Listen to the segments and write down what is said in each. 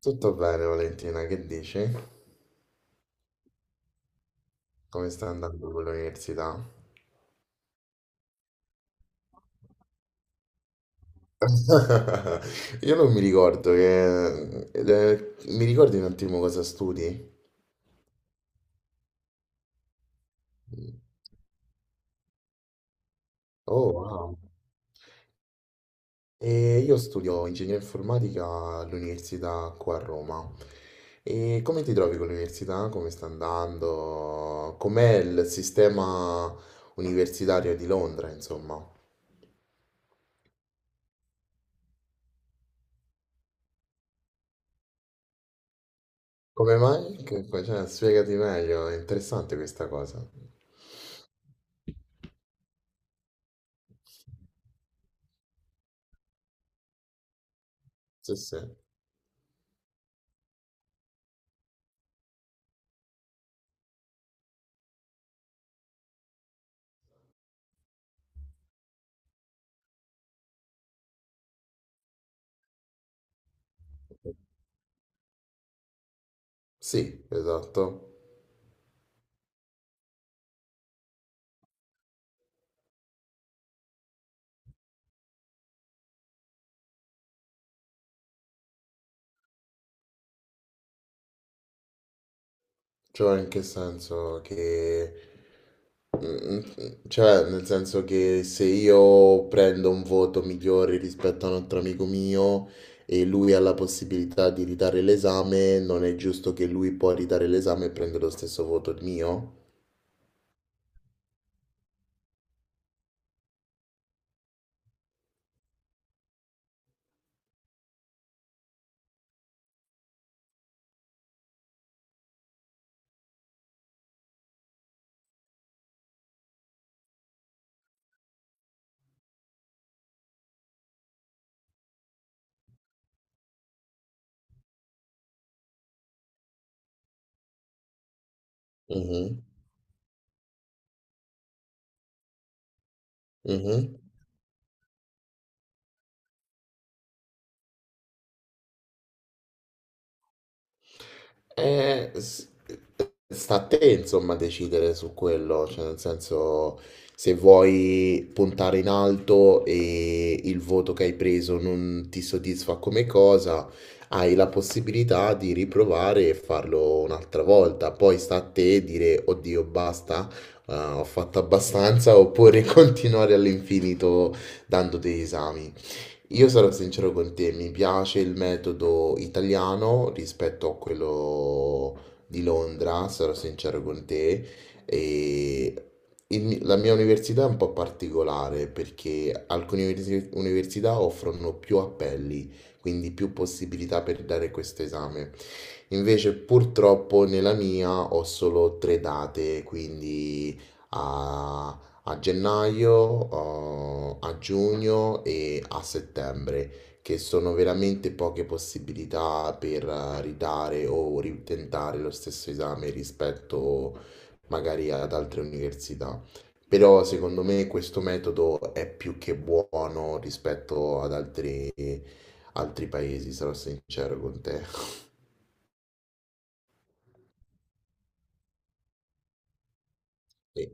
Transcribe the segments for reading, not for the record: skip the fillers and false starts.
Tutto bene, Valentina, che dici? Come sta andando con l'università? Io non mi ricordo che... mi ricordi un attimo cosa studi? Oh, wow. E io studio ingegneria informatica all'università qua a Roma. E come ti trovi con l'università? Come sta andando? Com'è il sistema universitario di Londra, insomma? Come mai? Cioè, spiegati meglio, è interessante questa cosa. Sì, sì. Sì, esatto. Cioè, in che senso che... Mm, cioè, nel senso che se io prendo un voto migliore rispetto a un altro amico mio e lui ha la possibilità di ritare l'esame, non è giusto che lui può ritare l'esame e prendere lo stesso voto mio? Mhm, mhm. Eh, s- Sta a te, insomma, decidere su quello, cioè nel senso se vuoi puntare in alto e il voto che hai preso non ti soddisfa come cosa, hai la possibilità di riprovare e farlo un'altra volta. Poi sta a te dire: oddio, basta, ho fatto abbastanza, oppure continuare all'infinito dando degli esami. Io sarò sincero con te, mi piace il metodo italiano rispetto a quello di Londra, sarò sincero con te. E la mia università è un po' particolare perché alcune università offrono più appelli, quindi più possibilità per dare questo esame. Invece purtroppo nella mia ho solo tre date, quindi... a a gennaio, oh, a giugno e a settembre, che sono veramente poche possibilità per ridare o ritentare lo stesso esame rispetto magari ad altre università. Però secondo me questo metodo è più che buono rispetto ad altri, altri paesi, sarò sincero con te. E-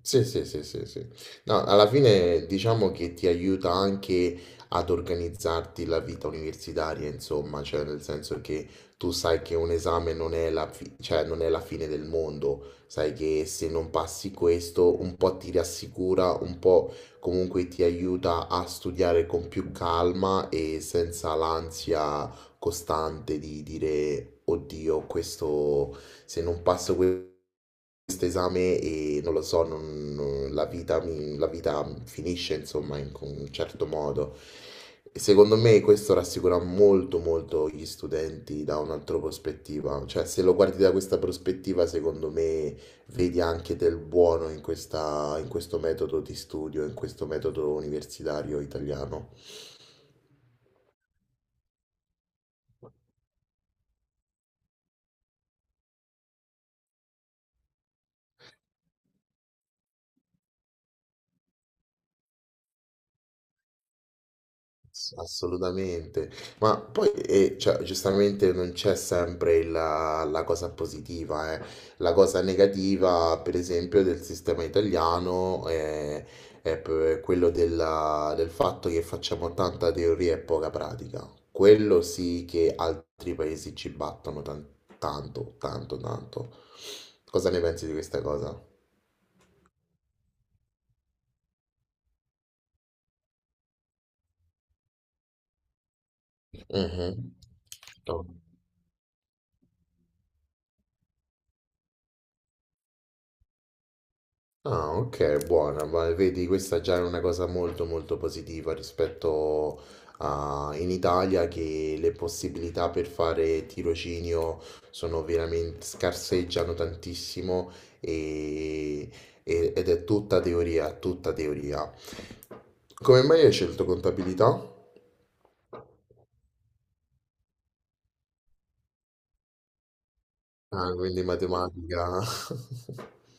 Sì, sì, sì, sì, sì. No, alla fine diciamo che ti aiuta anche ad organizzarti la vita universitaria, insomma, cioè nel senso che tu sai che un esame non è la, fi- cioè, non è la fine del mondo, sai che se non passi questo un po' ti rassicura, un po' comunque ti aiuta a studiare con più calma e senza l'ansia costante di dire: oddio, questo se non passo questo esame e non lo so, la vita finisce insomma in con un certo modo. E secondo me questo rassicura molto molto gli studenti da un'altra prospettiva, cioè se lo guardi da questa prospettiva secondo me vedi anche del buono in in questo metodo di studio, in questo metodo universitario italiano. Assolutamente, ma poi cioè, giustamente non c'è sempre la cosa positiva, eh. La cosa negativa, per esempio, del sistema italiano quello del fatto che facciamo tanta teoria e poca pratica. Quello sì che altri paesi ci battono tanto, tanto, tanto. Cosa ne pensi di questa cosa? Mhm. Ah, ok, buona, ma vedi, questa già è una cosa molto molto positiva rispetto a in Italia che le possibilità per fare tirocinio sono veramente scarseggiano tantissimo e- ed è tutta teoria, tutta teoria. Come mai hai scelto contabilità? Ah, quindi matematica.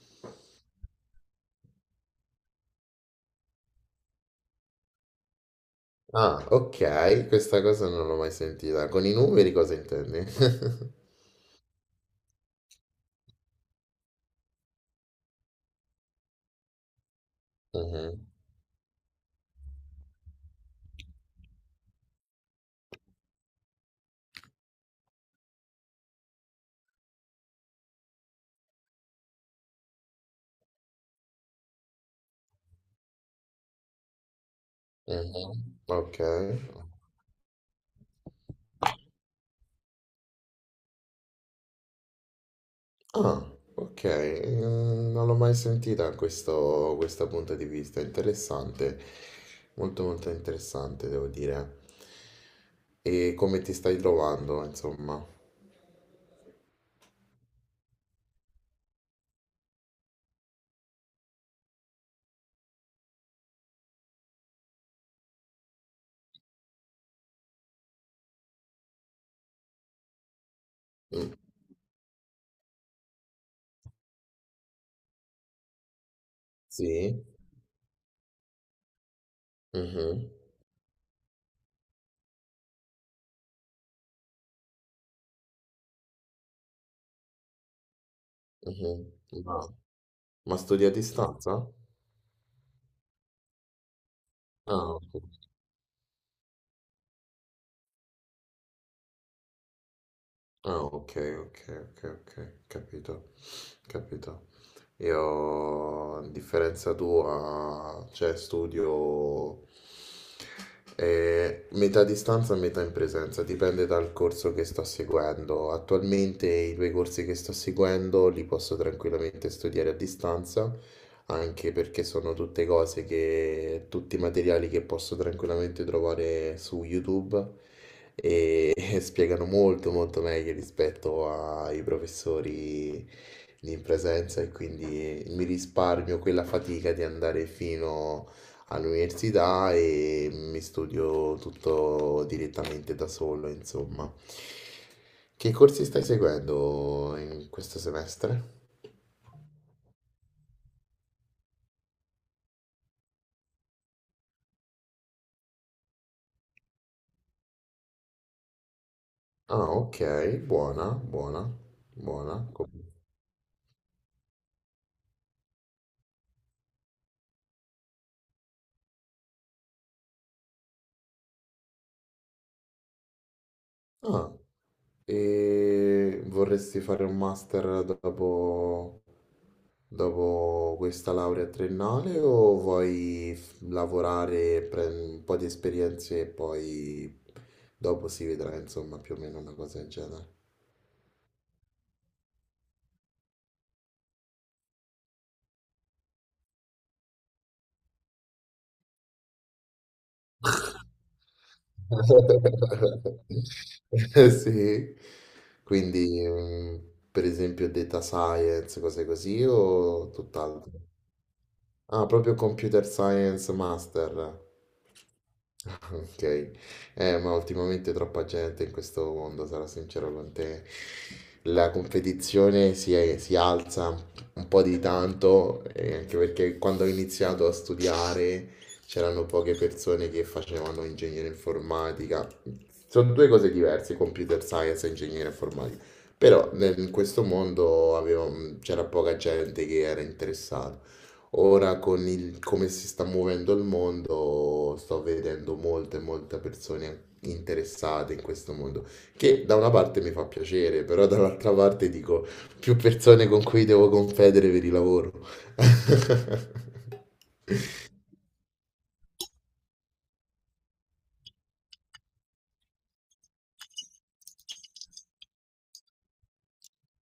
Ah, ok, questa cosa non l'ho mai sentita. Con i numeri cosa intendi? Mhm. Mhm, ok. Ah, ok. Non l'ho mai sentita questo, questo punto di vista. Interessante. Molto molto interessante, devo dire. E come ti stai trovando, insomma? Mm, sì. Mhm, mhm. Ma studi a distanza? Ah, ok. Ah, ok, ok, ok, ok. Capito. Capito. Io, a differenza tua, cioè studio metà a distanza e metà in presenza, dipende dal corso che sto seguendo. Attualmente i due corsi che sto seguendo li posso tranquillamente studiare a distanza anche perché sono tutte cose che, tutti materiali che posso tranquillamente trovare su YouTube e, e spiegano molto molto meglio rispetto ai professori lì in presenza e quindi mi risparmio quella fatica di andare fino all'università e mi studio tutto direttamente da solo, insomma. Che corsi stai seguendo in questo semestre? Ah, ok, buona, buona, buona. Ah, e vorresti fare un master dopo, dopo questa laurea triennale o vuoi lavorare, prendere un po' di esperienze e poi dopo si vedrà, insomma, più o meno una cosa del genere? Sì, quindi mm, per esempio data science, cose così o tutt'altro? Ah, proprio Computer Science Master. Ok, ma ultimamente troppa gente in questo mondo, sarò sincero con te. La competizione si alza un po' di tanto, anche perché quando ho iniziato a studiare c'erano poche persone che facevano ingegnere informatica. Sono due cose diverse, computer science e ingegnere informatica. Però in questo mondo mm, c'era poca gente che era interessata. Ora con come si sta muovendo il mondo, sto vedendo molte, molte persone interessate in questo mondo, che da una parte mi fa piacere, però dall'altra parte dico più persone con cui devo confedere per il lavoro.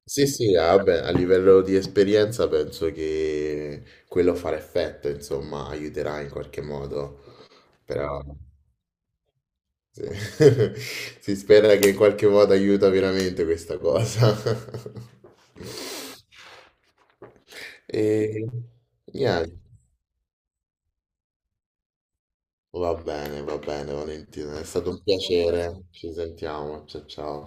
Sì, sì, ah, vabbè, a livello di esperienza penso che quello farà effetto, insomma, aiuterà in qualche modo, però... Sì. Si spera che in qualche modo aiuta veramente questa cosa. E niente, va bene, Valentina, è stato un piacere. Ci sentiamo, ciao ciao.